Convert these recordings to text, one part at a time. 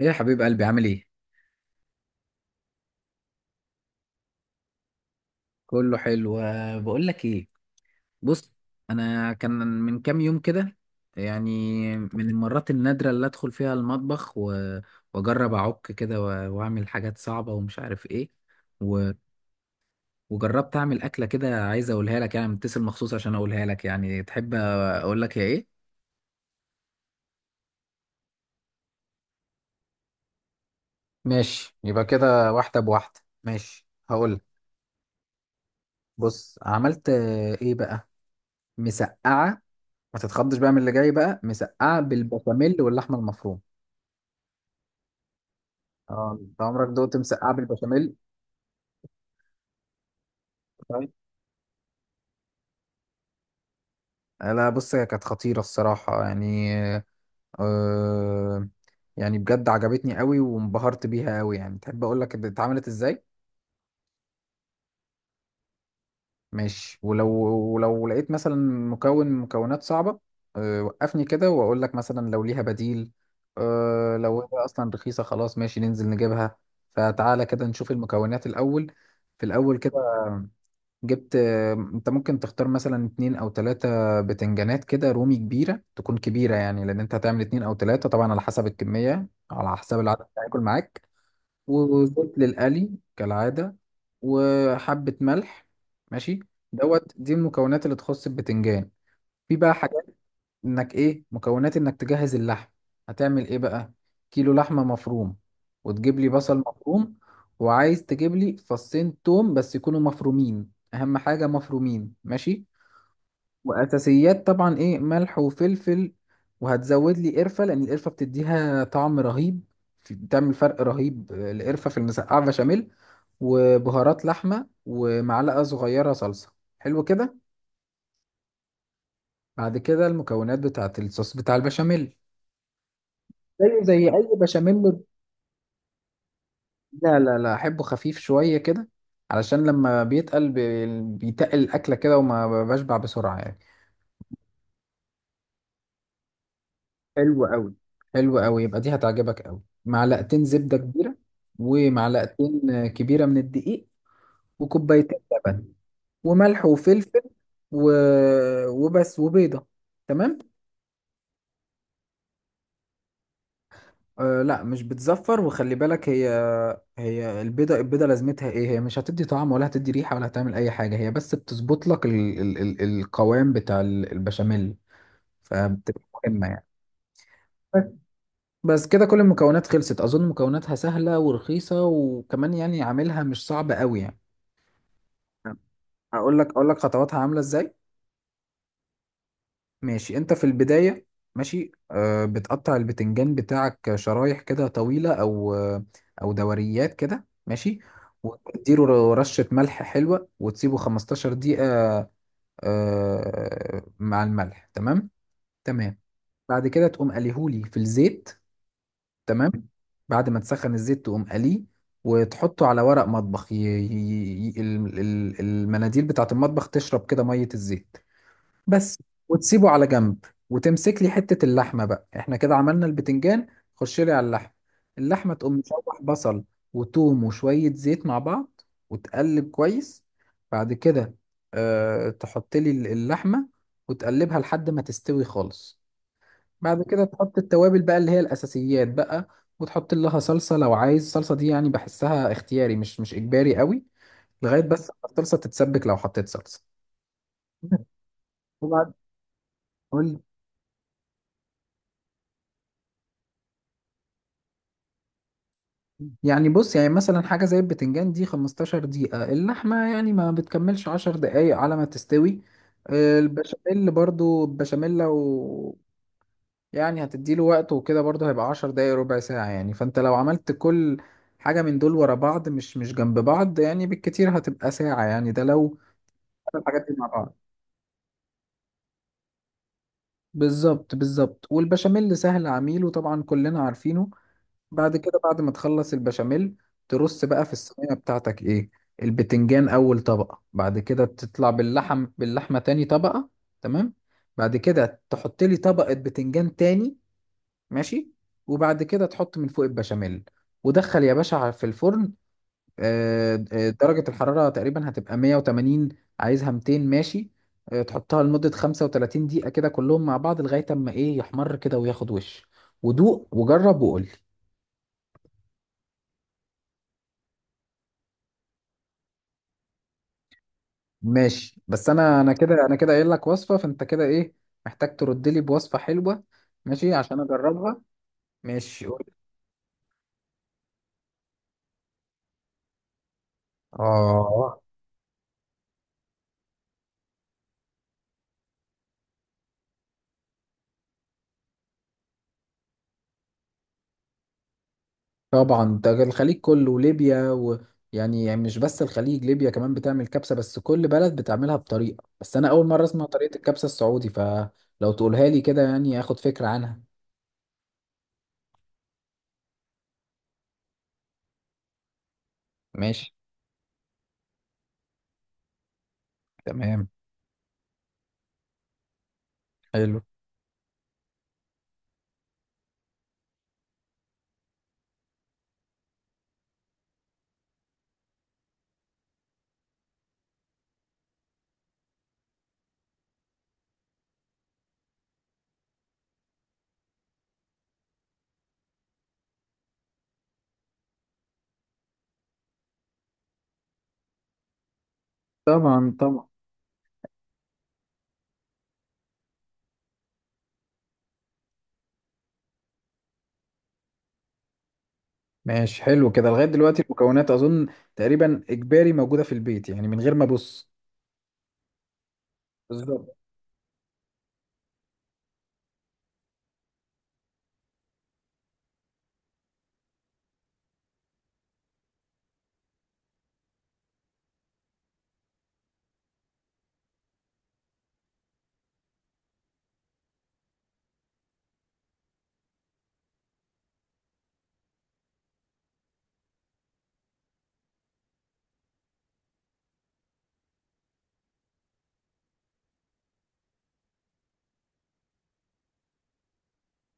ايه يا حبيب قلبي، عامل ايه؟ كله حلو. بقول لك ايه. بص، انا كان من كام يوم كده، يعني من المرات النادرة اللي ادخل فيها المطبخ واجرب اعك كده واعمل حاجات صعبة ومش عارف ايه و- وجربت اعمل اكلة كده. عايز اقولها لك، يعني متصل مخصوص عشان اقولها لك، يعني تحب اقول لك هي ايه؟ ماشي، يبقى كده واحدة بواحدة، ماشي هقول. بص، عملت، ايه بقى؟ مسقعة. ما تتخضش بقى من اللي جاي، بقى مسقعه بالبشاميل واللحمه المفرومه. اه، انت عمرك دقت مسقعه بالبشاميل؟ طيب. لا بص، هي كانت خطيره الصراحه يعني. آه يعني بجد عجبتني قوي وانبهرت بيها قوي. يعني تحب اقول لك اتعملت ازاي؟ ماشي. ولو، ولو لقيت مثلا مكون من مكونات صعبه، وقفني كده واقول لك مثلا لو ليها بديل. لو هي اصلا رخيصه، خلاص ماشي ننزل نجيبها. فتعالى كده نشوف المكونات الاول. في الاول كده جبت، انت ممكن تختار مثلا اتنين او تلاتة بتنجانات كده رومي كبيرة، تكون كبيرة يعني، لان انت هتعمل اتنين او تلاتة، طبعا على حسب الكمية، على حسب العدد اللي هياكل معاك. وزيت للقلي كالعادة، وحبة ملح، ماشي. دوت دي المكونات اللي تخص البتنجان. في بقى حاجات، انك ايه، مكونات انك تجهز اللحم. هتعمل ايه بقى؟ كيلو لحمة مفروم، وتجيب لي بصل مفروم، وعايز تجيب لي فصين توم بس يكونوا مفرومين، اهم حاجة مفرومين، ماشي. واساسيات طبعا ايه، ملح وفلفل. وهتزود لي قرفة لان القرفة بتديها طعم رهيب. بتعمل فرق رهيب، القرفة في المسقعة بشاميل. وبهارات لحمة، ومعلقة صغيرة صلصة. حلو كده. بعد كده المكونات بتاعت الصوص بتاع البشاميل. زيه زي اي بشاميل. لا لا لا، احبه خفيف شويه كده، علشان لما بيتقل بيتقل الاكله كده وما بشبع بسرعه يعني. حلو قوي، حلو قوي، يبقى دي هتعجبك قوي. معلقتين زبده كبيره، ومعلقتين كبيره من الدقيق. وكوبايتين لبن. وملح وفلفل. و... وبس. وبيضه. تمام. أه لا، مش بتزفر. وخلي بالك، هي، هي البيضة، البيضة لازمتها ايه؟ هي مش هتدي طعم ولا هتدي ريحة ولا هتعمل اي حاجة، هي بس بتظبط لك القوام بتاع البشاميل. فبتبقى مهمة يعني. بس بس كده كل المكونات خلصت. اظن مكوناتها سهلة ورخيصة، وكمان يعني عاملها مش صعب قوي يعني. هقول لك اقول لك خطواتها عاملة ازاي. ماشي، انت في البداية، ماشي، بتقطع البتنجان بتاعك شرايح كده طويلة، او دوريات كده، ماشي. وتديله رشة ملح حلوة وتسيبه 15 دقيقة. آه مع الملح، تمام، تمام. بعد كده تقوم قليهولي في الزيت، تمام. بعد ما تسخن الزيت تقوم قليه، وتحطه على ورق مطبخ، المناديل بتاعة المطبخ تشرب كده مية الزيت، بس. وتسيبه على جنب، وتمسك لي حتة اللحمة بقى. احنا كده عملنا البتنجان، خش لي على اللحمة. اللحمة تقوم مشوح بصل وتوم وشوية زيت مع بعض، وتقلب كويس. بعد كده تحط لي اللحمة وتقلبها لحد ما تستوي خالص. بعد كده تحط التوابل بقى، اللي هي الأساسيات بقى. وتحط لها صلصة لو عايز، الصلصة دي يعني بحسها اختياري، مش إجباري قوي، لغاية بس ما الصلصة تتسبك، لو حطيت صلصة. وبعد، قول. يعني بص، يعني مثلا حاجة زي البتنجان دي 15 دقيقة. اللحمة يعني ما بتكملش 10 دقايق على ما تستوي. البشاميل برضو، البشاميل لو يعني هتديله وقت وكده برضو هيبقى 10 دقايق، ربع ساعة يعني. فانت لو عملت كل حاجة من دول ورا بعض، مش جنب بعض يعني، بالكتير هتبقى ساعة يعني، ده لو الحاجات دي مع بعض. بالظبط، بالظبط. والبشاميل سهل عميل، وطبعا كلنا عارفينه. بعد كده، بعد ما تخلص البشاميل، ترص بقى في الصينية بتاعتك ايه، البتنجان اول طبقة. بعد كده تطلع باللحمة تاني طبقة، تمام. بعد كده تحط لي طبقة بتنجان تاني، ماشي. وبعد كده تحط من فوق البشاميل، ودخل يا باشا في الفرن. درجة الحرارة تقريبا هتبقى 180، عايزها 200، ماشي. تحطها لمدة 35 دقيقة كده كلهم مع بعض، لغاية اما ايه يحمر كده وياخد وش. ودوق وجرب وقول. ماشي. بس انا كده، انا كده قايل لك وصفه، فانت كده ايه، محتاج ترد لي بوصفه حلوه، ماشي، عشان اجربها. ماشي، قول. اه طبعا، ده الخليج كله وليبيا، ويعني، مش بس الخليج، ليبيا كمان بتعمل كبسه، بس كل بلد بتعملها بطريقه. بس انا اول مره اسمع طريقه الكبسه السعودي، فلو تقولها لي كده يعني اخد فكره عنها. ماشي. تمام. حلو. طبعا، طبعا. ماشي، حلو كده. لغايه دلوقتي المكونات اظن تقريبا اجباري موجوده في البيت يعني، من غير ما ابص. بالظبط.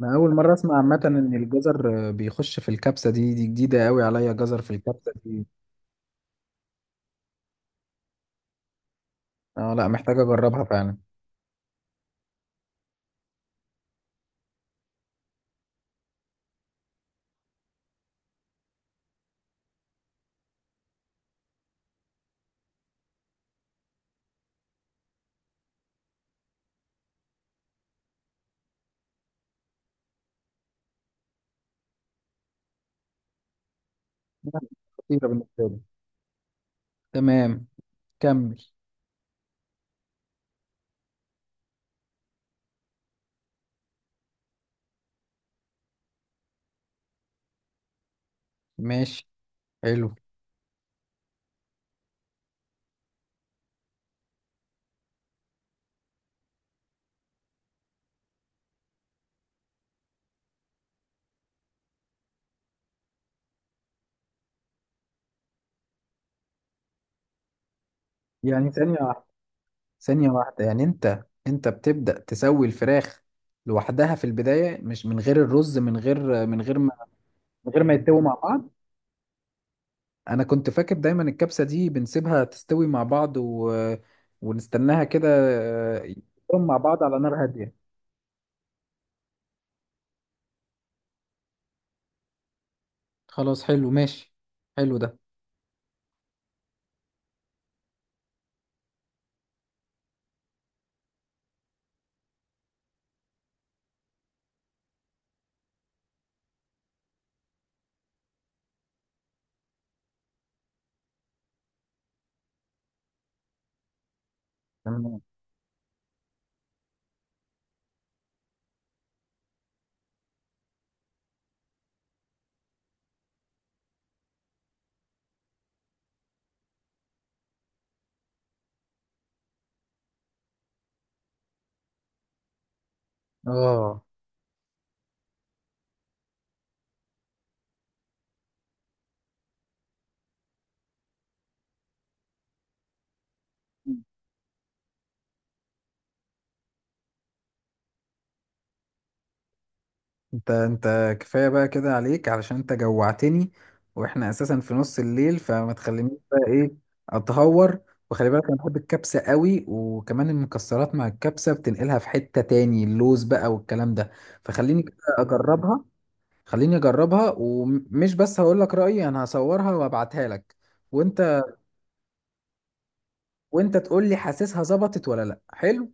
انا اول مره اسمع عامه ان الجزر بيخش في الكبسه دي، دي جديده قوي عليا، جزر في الكبسه دي. اه لا، محتاج اجربها فعلا. خطيره بالنسبه لي. تمام، كمل. ماشي، حلو. يعني ثانيه واحده، ثانيه واحده، يعني انت بتبدا تسوي الفراخ لوحدها في البدايه، مش من غير الرز، من غير ما يتسووا مع بعض. انا كنت فاكر دايما الكبسه دي بنسيبها تستوي مع بعض، ونستناها كده. يتسووا مع بعض على نار هاديه. خلاص حلو ماشي، حلو ده. تمام. اه، انت كفايه بقى كده عليك، علشان انت جوعتني. واحنا اساسا في نص الليل، فما تخلينيش بقى ايه، اتهور. وخلي بالك، انا بحب الكبسه قوي، وكمان المكسرات مع الكبسه بتنقلها في حته تاني، اللوز بقى والكلام ده. فخليني كده اجربها. خليني اجربها، ومش بس هقول لك رايي، انا هصورها وابعتها لك. وانت، وانت تقول لي حاسسها ظبطت ولا لا. حلو.